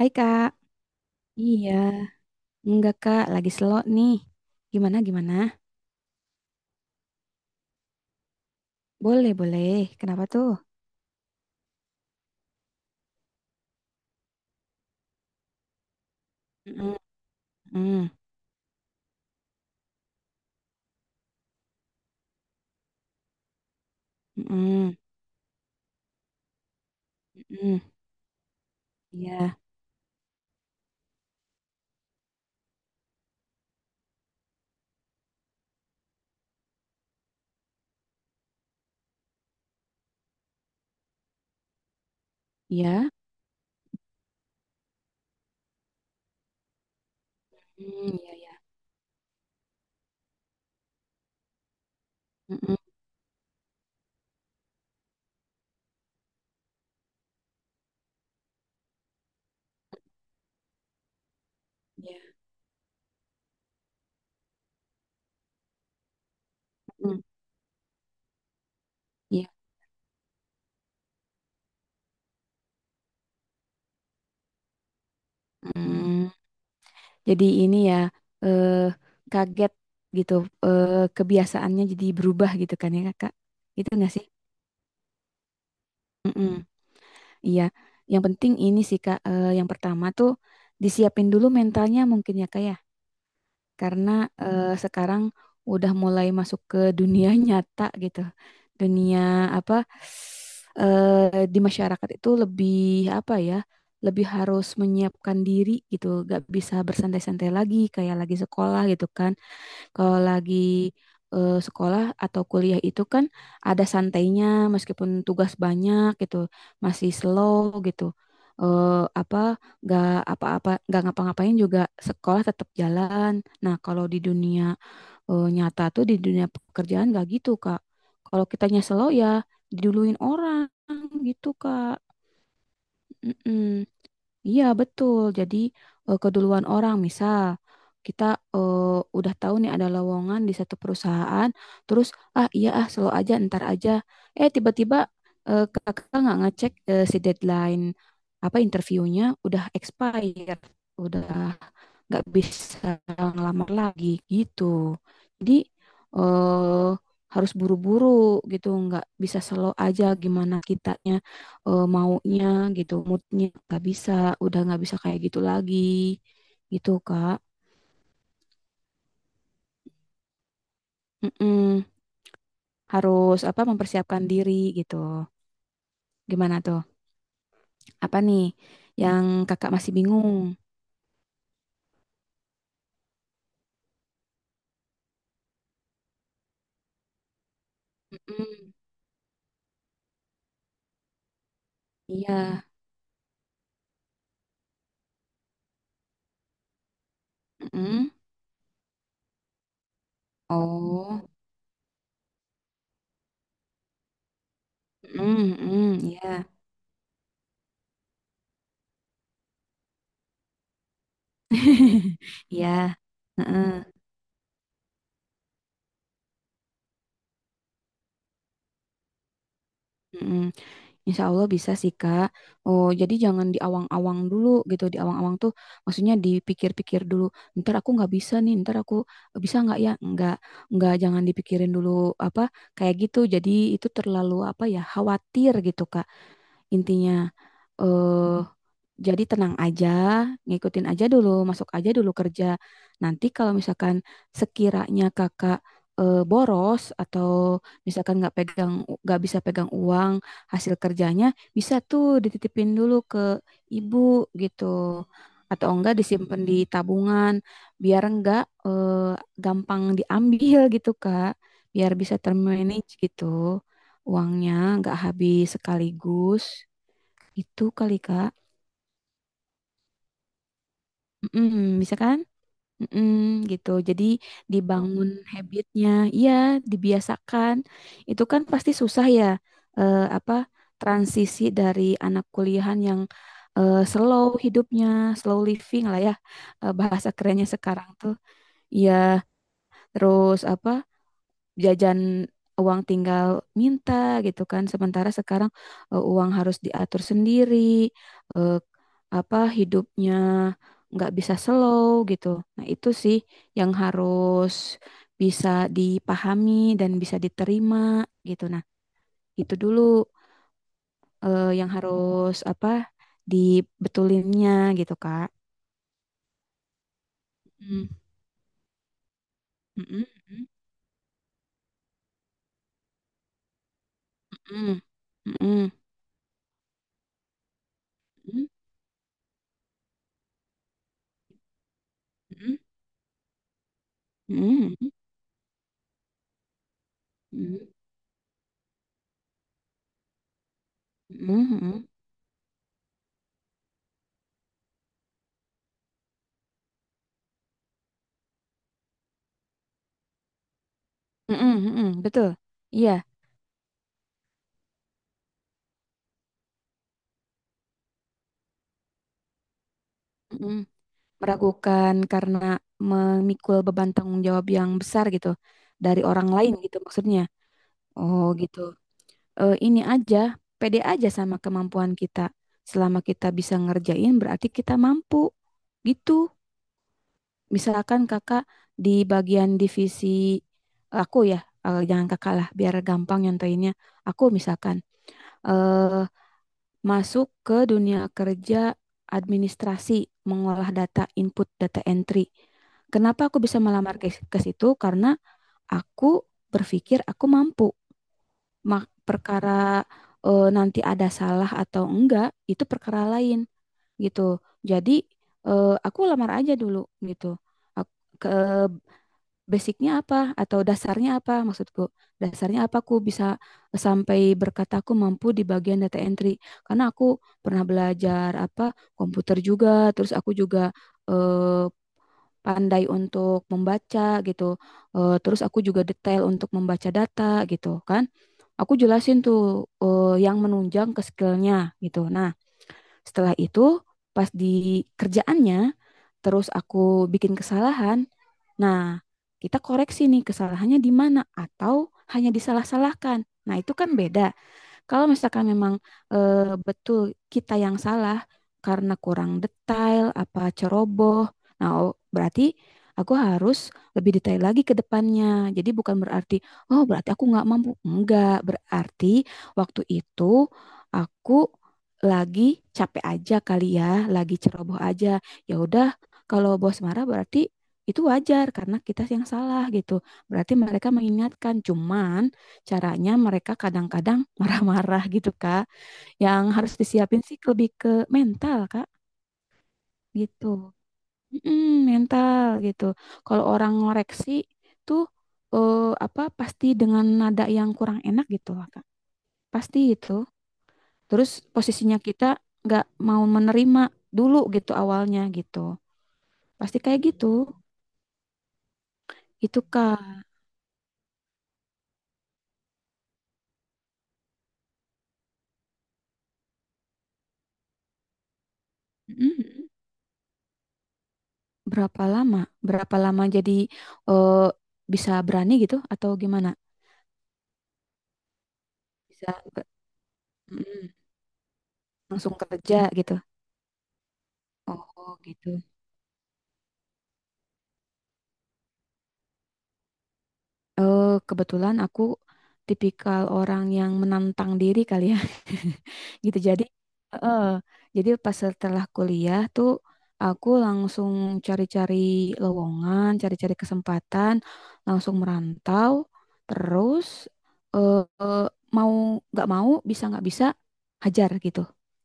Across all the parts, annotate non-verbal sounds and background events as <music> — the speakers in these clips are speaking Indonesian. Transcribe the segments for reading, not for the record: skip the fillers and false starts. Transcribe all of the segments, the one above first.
Hai Kak. Iya, enggak Kak, lagi slow nih. Gimana gimana? Boleh boleh. Kenapa tuh? Mm-mm, mm, mm-mm, mm-mm. Iya, iya, mm, iya, iya, mm-mm, iya, mm, iya, mm. Jadi ini ya, eh, kaget gitu, kebiasaannya jadi berubah gitu kan ya Kak? Itu enggak sih? Mm-mm. Iya. Yang penting ini sih Kak, yang pertama tuh disiapin dulu mentalnya mungkin ya Kak ya. Karena sekarang udah mulai masuk ke dunia <laughs> nyata gitu. Dunia apa, di masyarakat itu lebih apa ya? Lebih harus menyiapkan diri gitu, gak bisa bersantai-santai lagi kayak lagi sekolah gitu kan. Kalau lagi sekolah atau kuliah itu kan ada santainya meskipun tugas banyak gitu, masih slow gitu. Eh, apa nggak apa-apa nggak ngapa-ngapain juga sekolah tetap jalan. Nah, kalau di dunia nyata tuh di dunia pekerjaan nggak gitu, Kak. Kalau kitanya slow ya diduluin orang gitu, Kak. Mm-mm. Iya, betul. Jadi keduluan orang, misal kita eh, udah tahu nih ada lowongan di satu perusahaan, terus ah iya ah slow aja, ntar aja. Eh tiba-tiba kakak nggak ngecek si deadline apa interviewnya udah expire, udah nggak bisa ngelamar lagi gitu. Jadi eh, harus buru-buru gitu, nggak bisa slow aja gimana kitanya maunya gitu, moodnya nggak bisa, udah nggak bisa kayak gitu lagi gitu Kak. Mm-mm. Harus apa mempersiapkan diri gitu. Gimana tuh? Apa nih yang kakak masih bingung? Mm-mm. Iya. Mm-mm. Oh. Mm-mm. Mm-mm. Iya. <laughs> Iya. Heeh. Mm, Insya Allah bisa sih Kak. Oh, jadi jangan diawang awang dulu gitu. Diawang awang tuh maksudnya dipikir-pikir dulu. Ntar aku nggak bisa nih, ntar aku bisa nggak ya? Nggak jangan dipikirin dulu apa kayak gitu. Jadi itu terlalu apa ya khawatir gitu Kak. Intinya eh jadi tenang aja, ngikutin aja dulu, masuk aja dulu kerja. Nanti kalau misalkan sekiranya kakak boros atau misalkan nggak pegang, nggak bisa pegang uang hasil kerjanya, bisa tuh dititipin dulu ke ibu gitu, atau enggak disimpan di tabungan, biar enggak eh, gampang diambil gitu Kak, biar bisa termanage gitu uangnya, nggak habis sekaligus. Itu kali Kak. Mm-mm, bisa kan? Mm-mm, gitu. Jadi dibangun habitnya, iya dibiasakan. Itu kan pasti susah ya, apa transisi dari anak kuliahan yang slow hidupnya, slow living lah ya, bahasa kerennya sekarang tuh. Iya, terus apa? Jajan uang tinggal minta gitu kan. Sementara sekarang uang harus diatur sendiri, eh, apa hidupnya nggak bisa slow gitu. Nah, itu sih yang harus bisa dipahami dan bisa diterima gitu. Nah, itu dulu yang harus apa dibetulinnya gitu, Kak. Mm, mm, mm, mm, mm, mm, mm, mm, mm, mm, mm, mm, mm, mm. Mm-mm, mm-mm, betul. Iya, mm-mm. Meragukan karena memikul beban tanggung jawab yang besar gitu dari orang lain gitu maksudnya. Oh gitu. Eh, ini aja, pede aja sama kemampuan kita. Selama kita bisa ngerjain berarti kita mampu. Gitu. Misalkan kakak di bagian divisi aku ya, jangan kakak lah biar gampang nyontoinnya. Aku misalkan eh masuk ke dunia kerja administrasi, mengolah data input, data entry. Kenapa aku bisa melamar ke situ? Karena aku berpikir aku mampu. Mak perkara nanti ada salah atau enggak, itu perkara lain gitu. Jadi aku lamar aja dulu gitu. Aku, ke, basicnya apa atau dasarnya apa maksudku? Dasarnya apa aku bisa sampai berkata aku mampu di bagian data entry? Karena aku pernah belajar apa komputer juga, terus aku juga eh, pandai untuk membaca gitu. Eh, terus aku juga detail untuk membaca data gitu kan. Aku jelasin tuh yang menunjang ke skillnya gitu. Nah, setelah itu pas di kerjaannya terus aku bikin kesalahan. Nah, kita koreksi nih kesalahannya di mana atau hanya disalah-salahkan. Nah, itu kan beda. Kalau misalkan memang eh, betul kita yang salah karena kurang detail, apa ceroboh, nah oh, berarti aku harus lebih detail lagi ke depannya. Jadi bukan berarti, oh berarti aku nggak mampu. Enggak, berarti waktu itu aku lagi capek aja kali ya, lagi ceroboh aja. Ya udah, kalau bos marah berarti itu wajar karena kita yang salah gitu. Berarti mereka mengingatkan, cuman caranya mereka kadang-kadang <laughs> marah-marah gitu, Kak. Yang harus disiapin sih lebih ke mental, Kak, gitu. Mm, mental gitu. Kalau orang ngoreksi tuh eh, apa pasti dengan nada yang kurang enak gitu lah, Kak. Pasti itu. Terus posisinya kita nggak mau menerima dulu gitu awalnya gitu. Pasti kayak gitu. Itu, Kak. Mm, berapa lama? Berapa lama jadi eh, bisa berani gitu atau gimana? Bisa mm-mm langsung kerja gitu. Oh gitu. Eh kebetulan aku tipikal orang yang menantang diri kali ya. <laughs> Gitu. Jadi eh jadi pas setelah kuliah tuh aku langsung cari-cari lowongan, cari-cari kesempatan, langsung merantau terus eh eh, mau nggak mau bisa nggak bisa hajar gitu.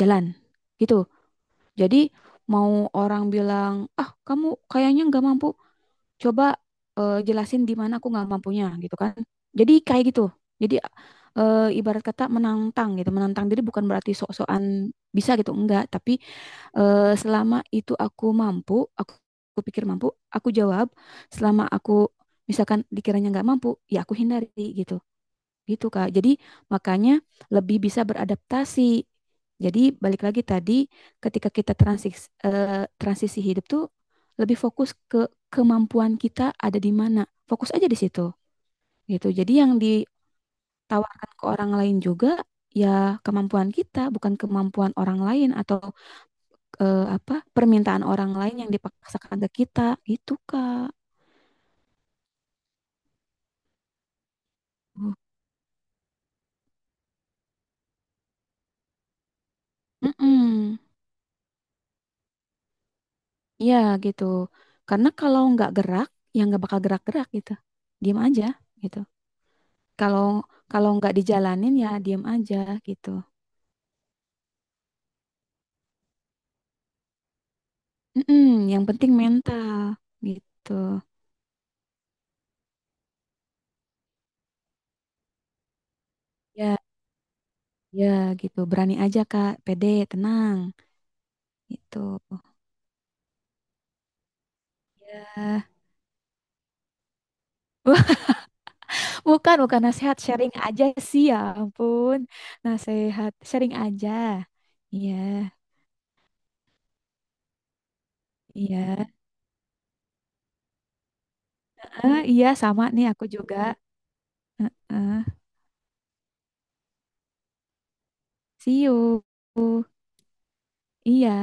Jalan gitu. Jadi mau orang bilang, "Ah, kamu kayaknya nggak mampu coba jelasin di mana aku nggak mampunya gitu kan jadi kayak gitu jadi ibarat kata menantang gitu menantang diri bukan berarti sok-sokan bisa gitu enggak tapi selama itu aku mampu aku, aku pikir mampu aku jawab selama aku misalkan dikiranya nggak mampu ya aku hindari gitu gitu Kak. Jadi makanya lebih bisa beradaptasi. Jadi balik lagi tadi ketika kita transisi, transisi hidup tuh lebih fokus ke kemampuan kita ada di mana. Fokus aja di situ gitu. Jadi yang ditawarkan ke orang lain juga ya kemampuan kita bukan kemampuan orang lain atau apa permintaan orang lain yang dipaksakan ke kita gitu Kak. Mm-mm. Iya gitu. Karena kalau nggak gerak, ya nggak bakal gerak-gerak gitu. Diam aja gitu. Kalau kalau nggak dijalanin ya diam aja gitu. Mm-mm, yang penting mental gitu. Ya, ya gitu. Berani aja Kak, pede, tenang gitu. Ya. Wah, bukan bukan nasihat, sharing aja sih ya ampun. Nasihat, sharing aja. Iya, iya. Eh, iya sama nih aku juga. Eh, eh. See you. Iya,